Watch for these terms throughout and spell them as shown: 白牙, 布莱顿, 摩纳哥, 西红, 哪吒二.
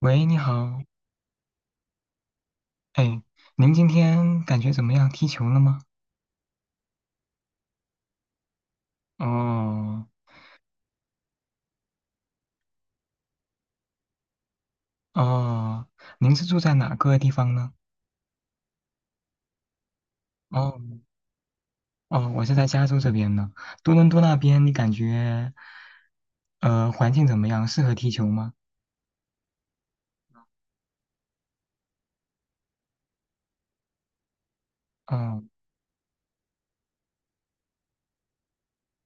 喂，你好，哎，您今天感觉怎么样？踢球了吗？哦哦，您是住在哪个地方呢？哦哦，我是在加州这边呢。多伦多那边，你感觉环境怎么样？适合踢球吗？哦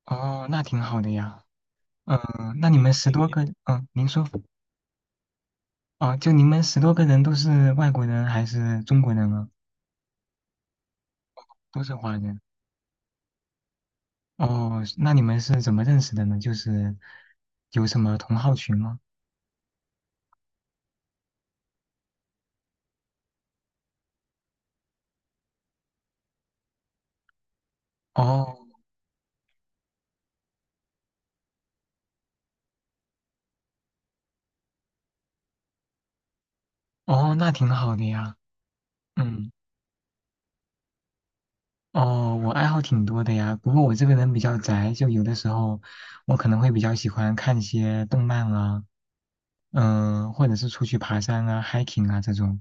哦，那挺好的呀。嗯、那你们十多个，嗯、您说，哦，就你们10多个人都是外国人还是中国人啊？都是华人。哦，那你们是怎么认识的呢？就是有什么同好群吗？哦哦，那挺好的呀。嗯，哦，我爱好挺多的呀。不过我这个人比较宅，就有的时候我可能会比较喜欢看一些动漫啊，嗯、或者是出去爬山啊、hiking 啊这种。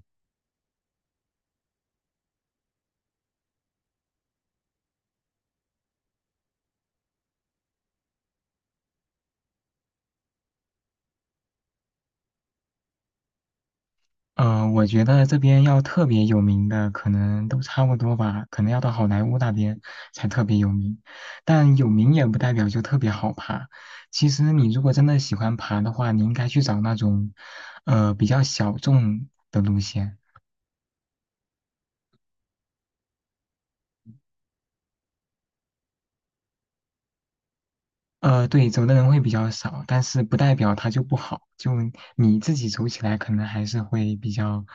我觉得这边要特别有名的，可能都差不多吧，可能要到好莱坞那边才特别有名。但有名也不代表就特别好爬。其实你如果真的喜欢爬的话，你应该去找那种，比较小众的路线。对，走的人会比较少，但是不代表它就不好，就你自己走起来可能还是会比较，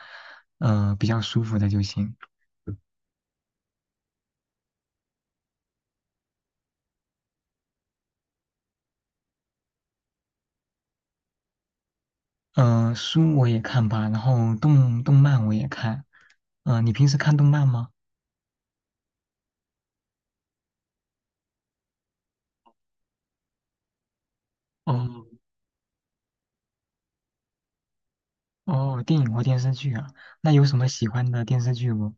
比较舒服的就行。书我也看吧，然后动漫我也看。你平时看动漫吗？哦哦，电影或电视剧啊？那有什么喜欢的电视剧不？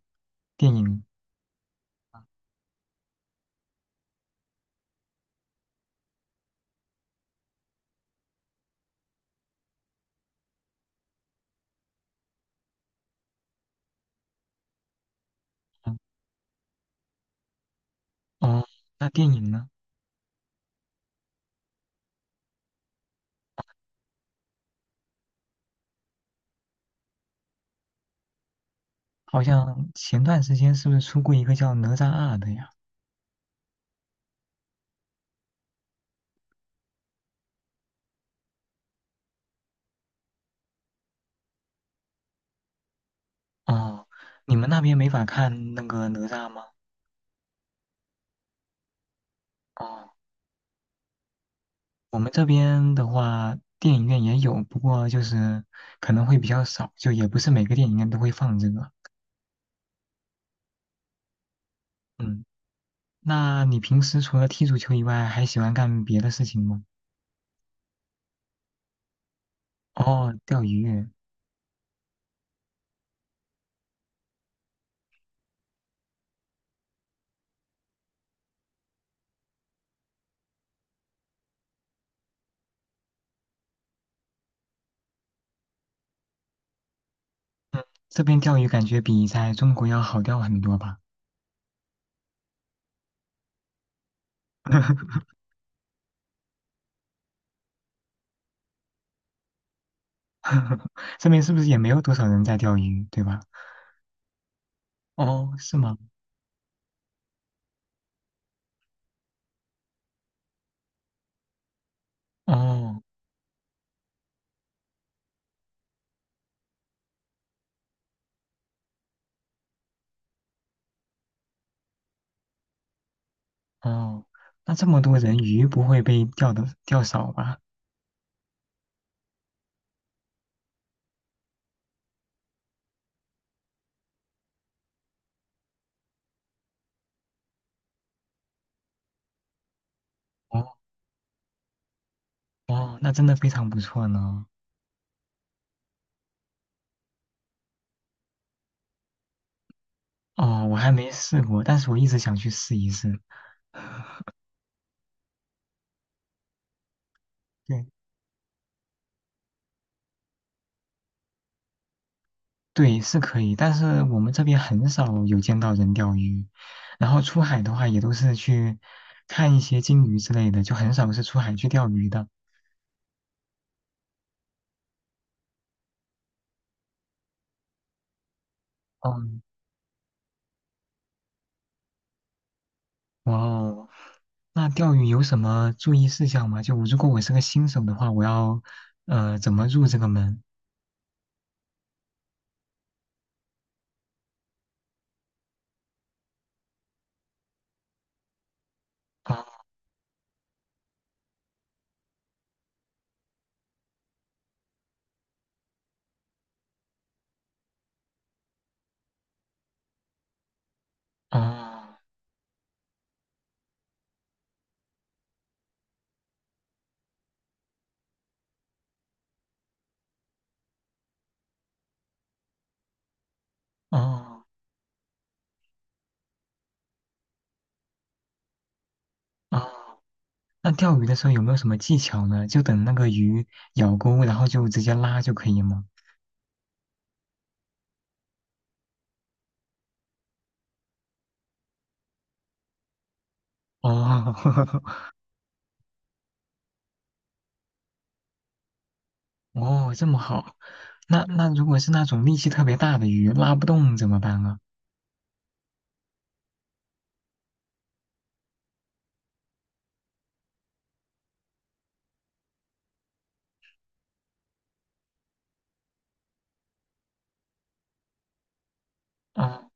电影？嗯哦，那电影呢？好像前段时间是不是出过一个叫《哪吒二》的呀？哦，你们那边没法看那个哪吒吗？哦。我们这边的话，电影院也有，不过就是可能会比较少，就也不是每个电影院都会放这个。嗯，那你平时除了踢足球以外，还喜欢干别的事情吗？哦，钓鱼，这边钓鱼感觉比在中国要好钓很多吧？这边是不是也没有多少人在钓鱼，对吧？哦，是吗？哦哦，那这么多人，鱼不会被钓的钓少吧？哦哦，那真的非常不错呢。哦，我还没试过，但是我一直想去试一试。对，对，是可以，但是我们这边很少有见到人钓鱼，然后出海的话也都是去看一些鲸鱼之类的，就很少是出海去钓鱼的。嗯，哇哦，那钓鱼有什么注意事项吗？就如果我是个新手的话，我要怎么入这个门？哦哦哦哦，那钓鱼的时候有没有什么技巧呢？就等那个鱼咬钩，然后就直接拉就可以吗？哦，哦，这么好。那如果是那种力气特别大的鱼，拉不动怎么办啊？哦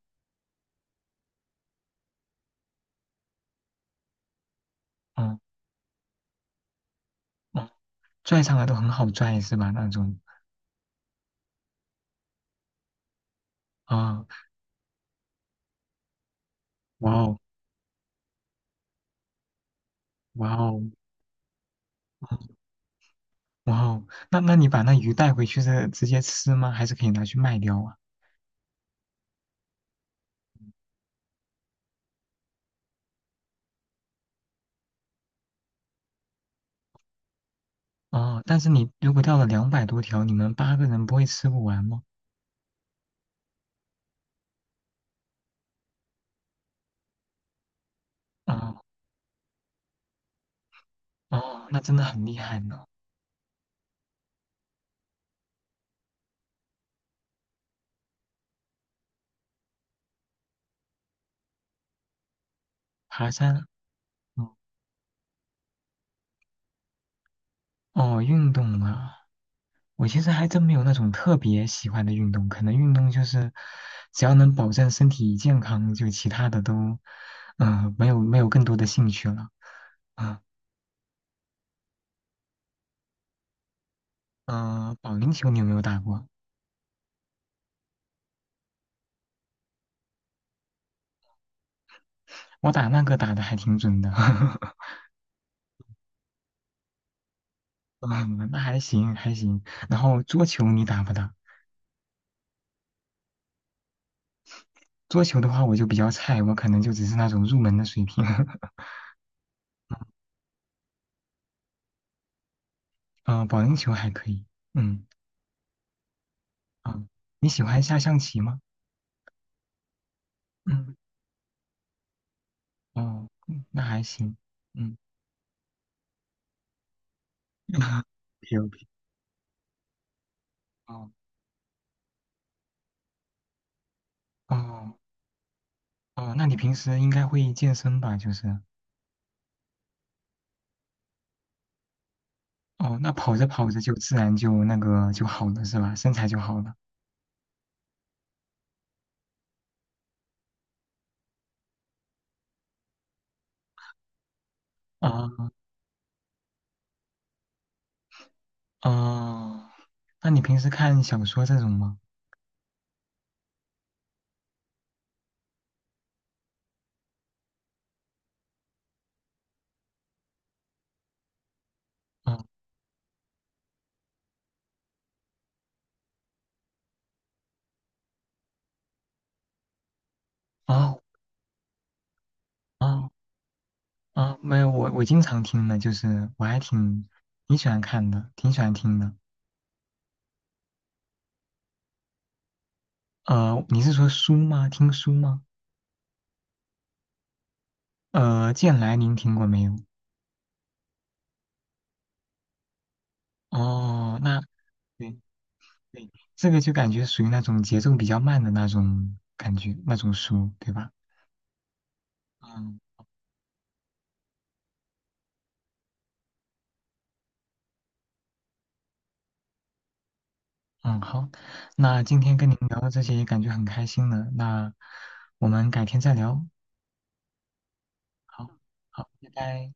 哦哦，拽上来都很好拽是吧？那种啊，哇哦哇哦嗯哇哦，那你把那鱼带回去是直接吃吗？还是可以拿去卖掉啊？哦，但是你如果钓了200多条，你们八个人不会吃不完吗？哦哦，那真的很厉害呢。爬山，哦，哦运动啊。我其实还真没有那种特别喜欢的运动，可能运动就是只要能保证身体健康，就其他的都，嗯、没有更多的兴趣了。啊、嗯、保龄球你有没有打过？我打那个打的还挺准的，嗯，那还行还行。然后桌球你打不打？桌球的话我就比较菜，我可能就只是那种入门的水平。嗯、保龄球还可以。嗯，啊、你喜欢下象棋吗？嗯，哦，嗯那还行。嗯。POP 哦哦哦，那你平时应该会健身吧？就是哦，那跑着跑着就自然就那个就好了是吧？身材就好了啊哦，那你平时看小说这种吗？啊哦哦哦，没有，我经常听的，就是我还挺喜欢看的，挺喜欢听的。你是说书吗？听书吗？剑来您听过没有？哦，那对对，这个就感觉属于那种节奏比较慢的那种感觉，那种书，对吧？嗯嗯，好，那今天跟您聊到这些也感觉很开心了，那我们改天再聊。好，好，拜拜。